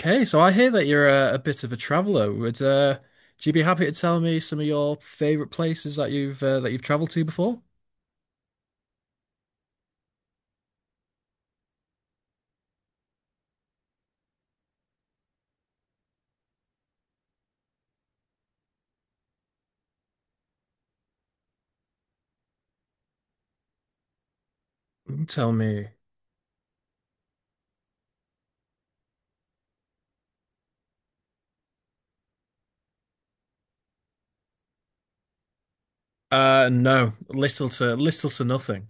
Okay, so I hear that you're a bit of a traveler. Would do you be happy to tell me some of your favorite places that you've traveled to before? Tell me. No, little to nothing.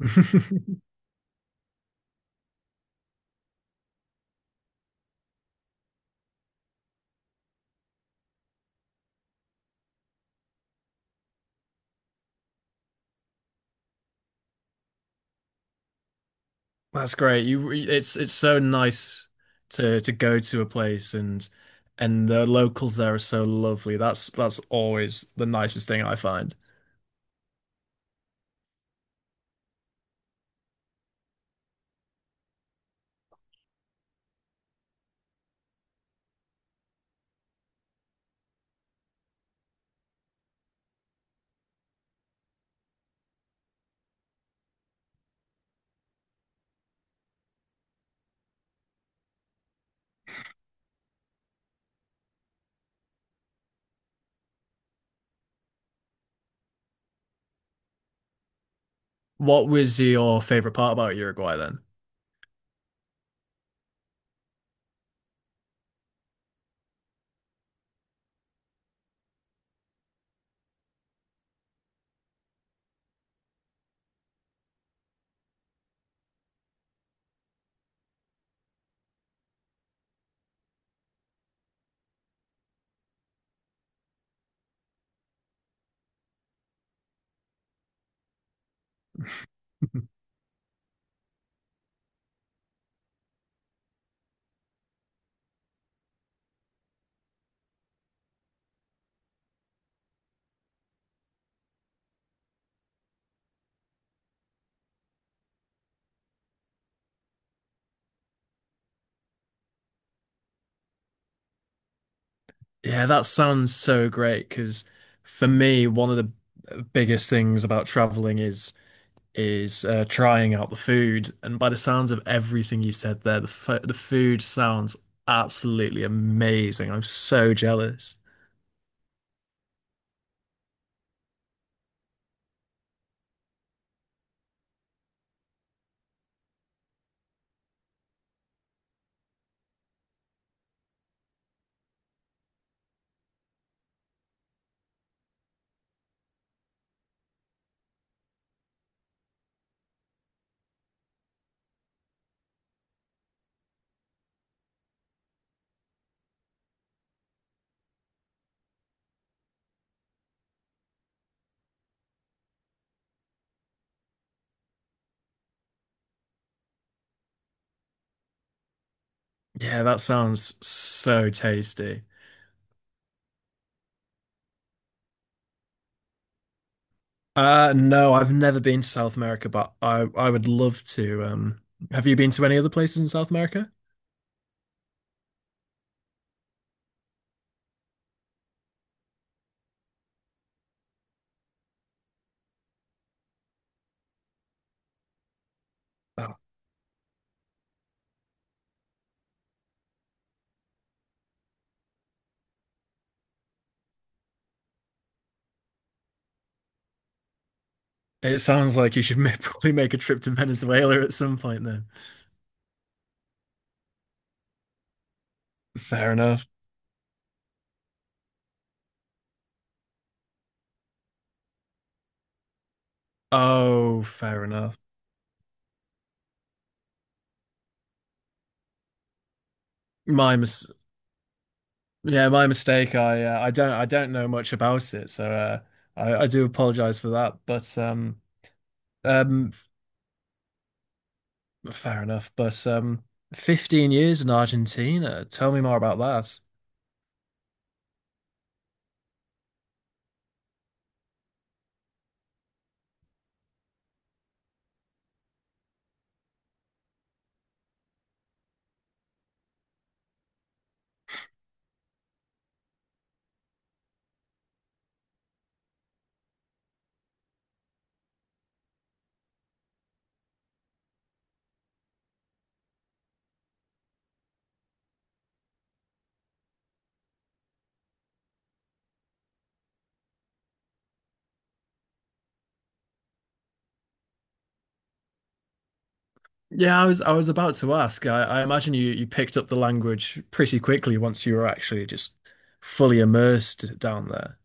That's great. It's so nice to go to a place and the locals there are so lovely. That's always the nicest thing I find. What was your favorite part about Uruguay then? Yeah, that sounds so great because for me, one of the biggest things about traveling is is trying out the food. And by the sounds of everything you said there, the fo the food sounds absolutely amazing. I'm so jealous. Yeah, that sounds so tasty. No, I've never been to South America, but I would love to. Have you been to any other places in South America? Oh, it sounds like you should probably make a trip to Venezuela at some point then. Fair enough. Oh, fair enough. My mis Yeah, my mistake. I don't know much about it, so I do apologize for that. Um Fair enough. But 15 years in Argentina. Tell me more about that. Yeah, I was about to ask. I imagine you picked up the language pretty quickly once you were actually just fully immersed down there.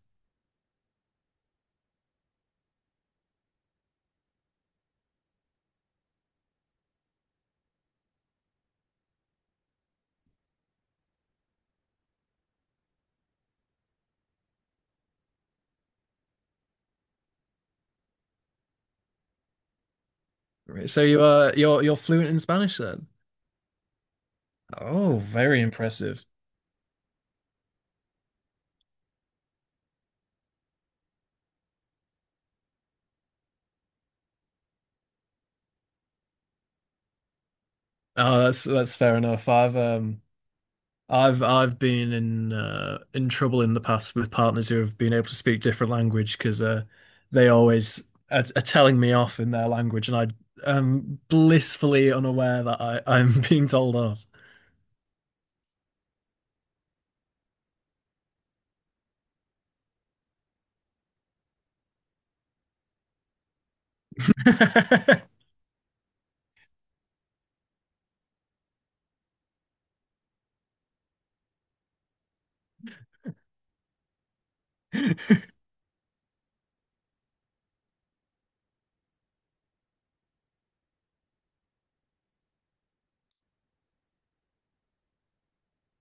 Right, so you are you're fluent in Spanish then? Oh, very impressive. Oh, that's fair enough. I've been in trouble in the past with partners who have been able to speak different language because they always are telling me off in their language, and I am blissfully unaware that I, I'm being told off.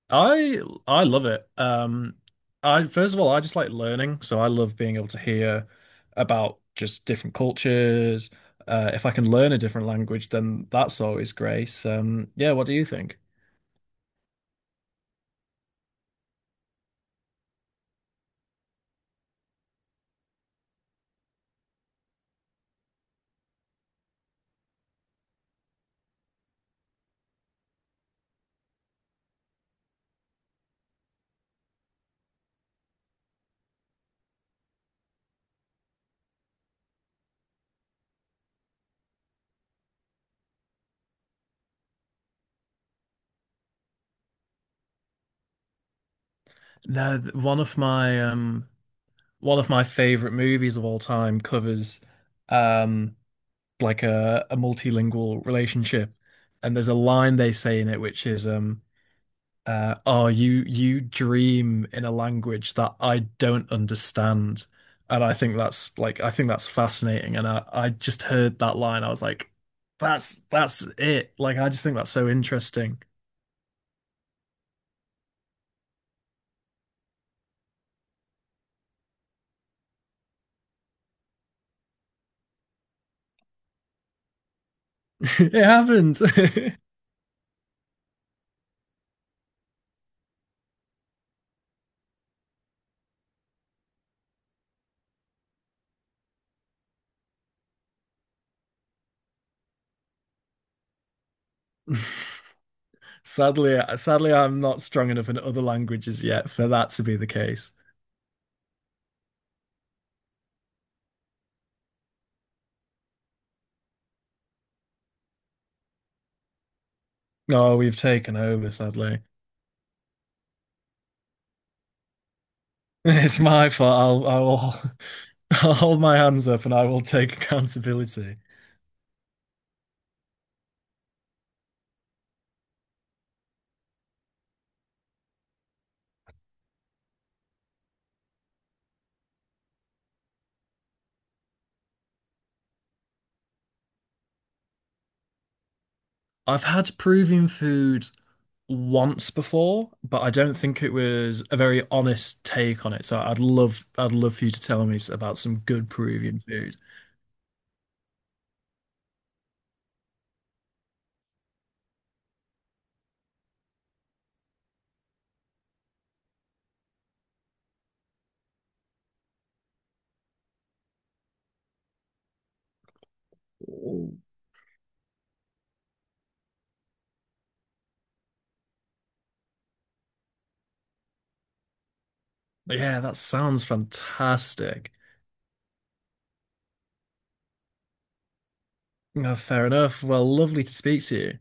I I love it. I first of all I just like learning, so I love being able to hear about just different cultures. If I can learn a different language, then that's always great. Yeah, what do you think? No, th- one of my favorite movies of all time covers um like a multilingual relationship. And there's a line they say in it which is oh, you dream in a language that I don't understand. And I think that's like I think that's fascinating. And I just heard that line, I was like, that's it. Like I just think that's so interesting. It happens. Sadly, I'm not strong enough in other languages yet for that to be the case. Oh, we've taken over, sadly. It's my fault. I will, I'll hold my hands up and I will take accountability. I've had Peruvian food once before, but I don't think it was a very honest take on it. So I'd love for you to tell me about some good Peruvian food. Ooh. Yeah, that sounds fantastic. Oh, fair enough. Well, lovely to speak to you.